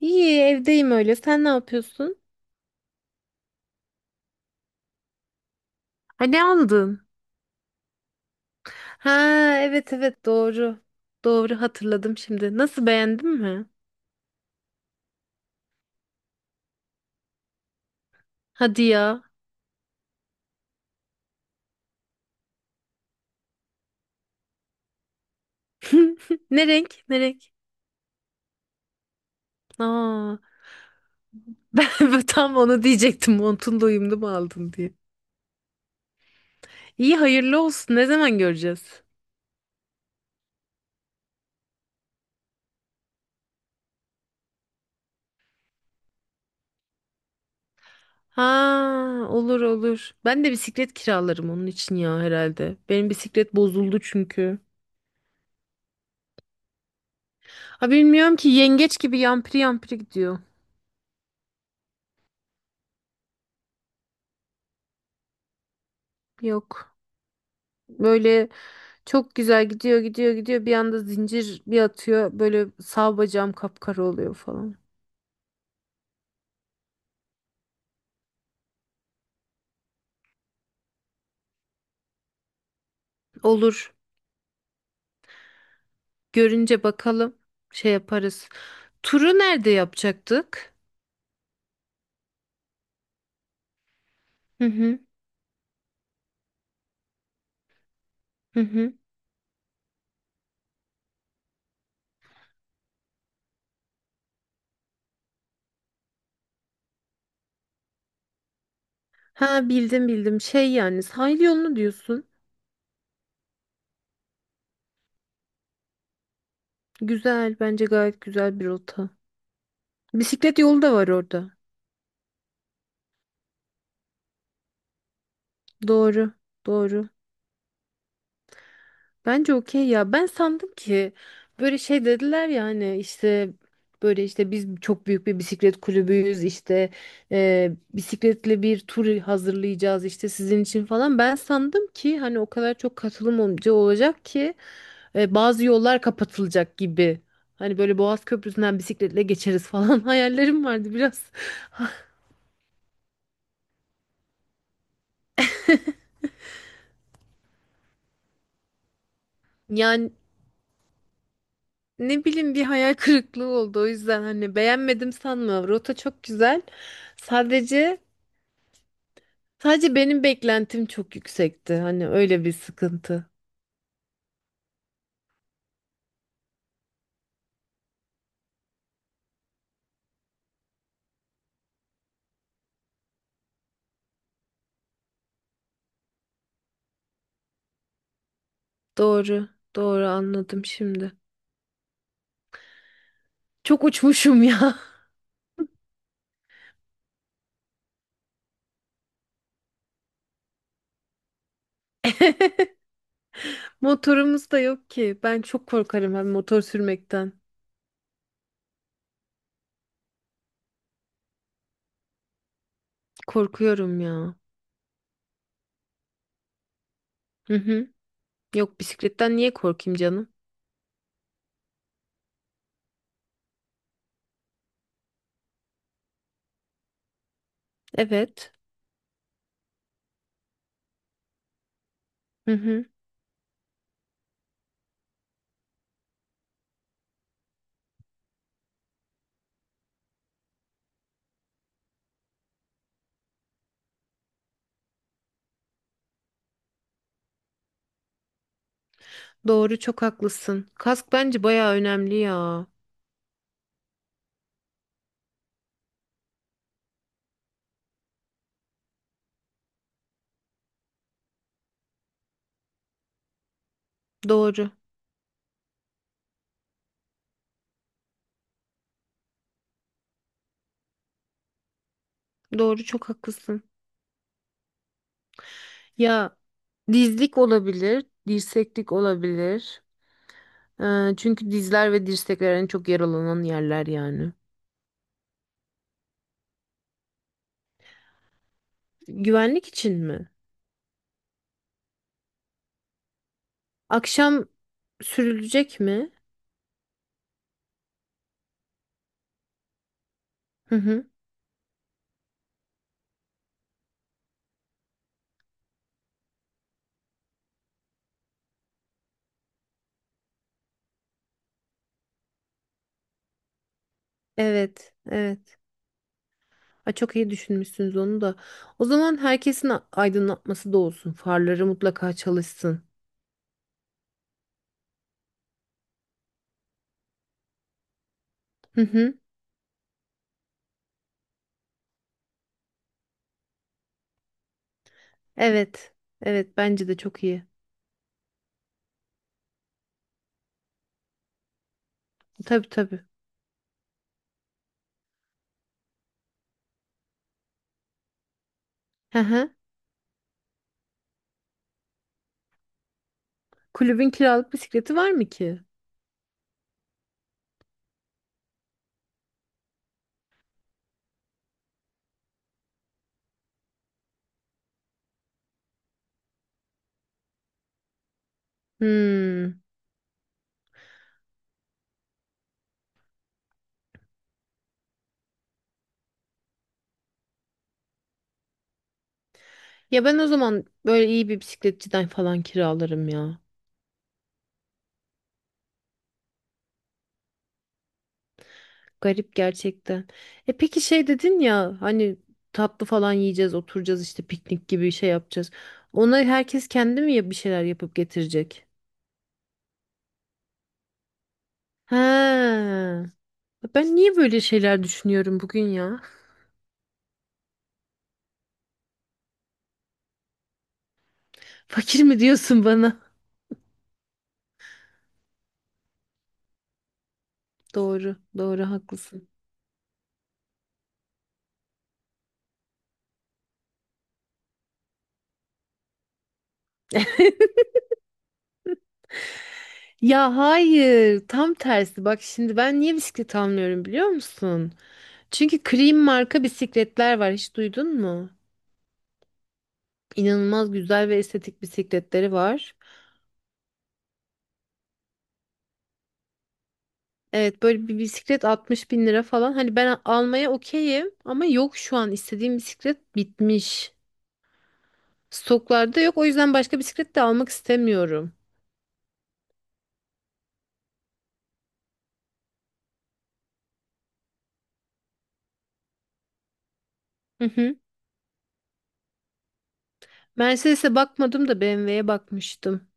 İyi, evdeyim öyle. Sen ne yapıyorsun? Ha, ne aldın? Ha, evet evet doğru. Doğru hatırladım şimdi. Nasıl, beğendin mi? Hadi ya. Ne renk? Ne renk? Aa, ben ben tam onu diyecektim. Montun da uyumlu mu aldın diye. İyi, hayırlı olsun. Ne zaman göreceğiz? Ha, olur olur. Ben de bisiklet kiralarım onun için ya herhalde. Benim bisiklet bozuldu çünkü. Ha, bilmiyorum ki, yengeç gibi yampiri yampiri gidiyor. Yok. Böyle çok güzel gidiyor, bir anda zincir bir atıyor, böyle sağ bacağım kapkara oluyor falan. Olur, görünce bakalım şey yaparız. Turu nerede yapacaktık? Hı hı, hı hı. Ha, bildim bildim, şey, yani sahil yolunu diyorsun. Güzel, bence gayet güzel bir rota. Bisiklet yolu da var orada. Doğru doğru. Bence okey ya. Ben sandım ki böyle şey dediler ya, hani işte böyle, işte biz çok büyük bir bisiklet kulübüyüz, işte bisikletle bir tur hazırlayacağız işte sizin için falan. Ben sandım ki hani o kadar çok katılım olunca olacak ki bazı yollar kapatılacak gibi. Hani böyle Boğaz Köprüsü'nden bisikletle geçeriz falan, hayallerim vardı biraz. Yani ne bileyim, bir hayal kırıklığı oldu, o yüzden hani beğenmedim sanma. Rota çok güzel. Sadece Sadece benim beklentim çok yüksekti. Hani öyle bir sıkıntı. Doğru, doğru, anladım şimdi. Çok uçmuşum ya. Motorumuz da yok ki. Ben çok korkarım hem motor sürmekten. Korkuyorum ya. Hı hı. Yok, bisikletten niye korkayım canım? Evet. Hı hı. Doğru, çok haklısın. Kask bence bayağı önemli ya. Doğru. Doğru, çok haklısın. Ya dizlik olabilir, dirseklik olabilir. Çünkü dizler ve dirsekler en çok yaralanan yerler yani. Güvenlik için mi? Akşam sürülecek mi? Hı hı. Evet, evet. Ay, çok iyi düşünmüşsünüz onu da. O zaman herkesin aydınlatması da olsun. Farları mutlaka çalışsın. Hı hı. Evet, evet. Bence de çok iyi. Tabii tabii. Hı hı. Kulübün kiralık bisikleti var mı ki? Hmm. Ya ben o zaman böyle iyi bir bisikletçiden falan kiralarım ya. Garip gerçekten. E peki şey dedin ya hani, tatlı falan yiyeceğiz, oturacağız, işte piknik gibi şey yapacağız. Ona herkes kendi mi bir şeyler yapıp getirecek? Ha. Ben niye böyle şeyler düşünüyorum bugün ya? Fakir mi diyorsun bana? Doğru, doğru haklısın. Ya hayır, tam tersi. Bak şimdi, ben niye bisiklet almıyorum biliyor musun? Çünkü Cream marka bisikletler var. Hiç duydun mu? İnanılmaz güzel ve estetik bisikletleri var. Evet, böyle bir bisiklet 60 bin lira falan. Hani ben almaya okeyim ama yok, şu an istediğim bisiklet bitmiş. Stoklarda yok, o yüzden başka bisiklet de almak istemiyorum. Hı hı. Mercedes'e bakmadım da BMW'ye bakmıştım.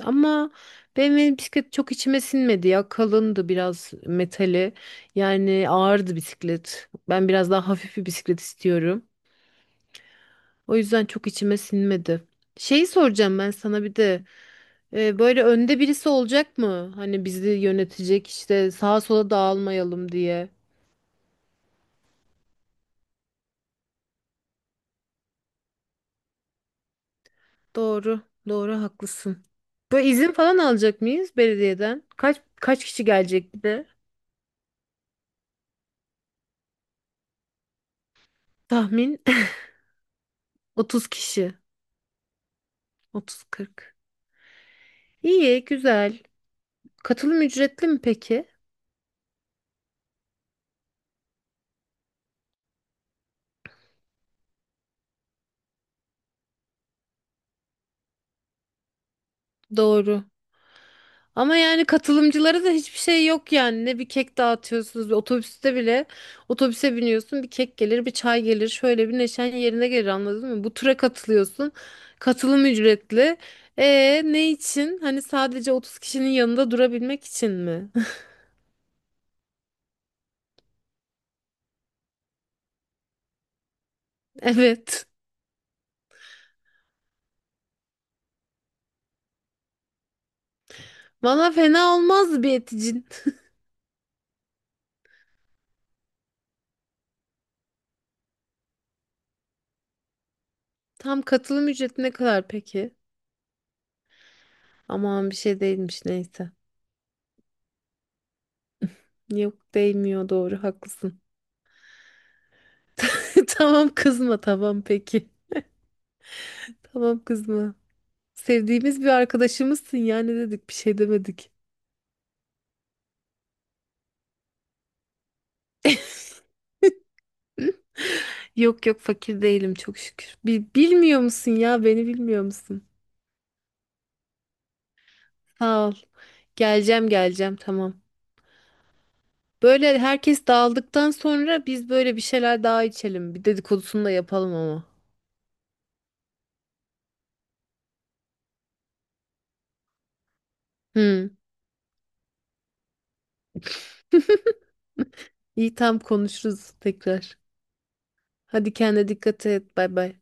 Ama BMW'nin bisikleti çok içime sinmedi ya. Kalındı biraz metali. Yani ağırdı bisiklet. Ben biraz daha hafif bir bisiklet istiyorum. O yüzden çok içime sinmedi. Şeyi soracağım ben sana bir de. Böyle önde birisi olacak mı? Hani bizi yönetecek, işte sağa sola dağılmayalım diye. Doğru, doğru haklısın. Böyle izin falan alacak mıyız belediyeden? Kaç kişi gelecek bir de? Tahmin, 30 kişi. 30-40. İyi, güzel. Katılım ücretli mi peki? Doğru. Ama yani katılımcılara da hiçbir şey yok yani. Ne bir kek dağıtıyorsunuz bir otobüste bile. Otobüse biniyorsun, bir kek gelir, bir çay gelir. Şöyle bir neşen yerine gelir, anladın mı? Bu tura katılıyorsun. Katılım ücretli. E ne için? Hani sadece 30 kişinin yanında durabilmek için mi? Evet. Valla fena olmaz bir eticin. Tam katılım ücreti ne kadar peki? Aman, bir şey değilmiş neyse. Yok değmiyor, doğru haklısın. Tamam, kızma, tamam peki. Tamam, kızma. Sevdiğimiz bir arkadaşımızsın ya, ne dedik, bir şey demedik. Yok yok, fakir değilim çok şükür. Bilmiyor musun ya, beni bilmiyor musun? Sağ ol. Geleceğim geleceğim tamam. Böyle herkes dağıldıktan sonra biz böyle bir şeyler daha içelim. Bir dedikodusunu da yapalım ama. Hı. İyi, tam konuşuruz tekrar. Hadi kendine dikkat et. Bay bay.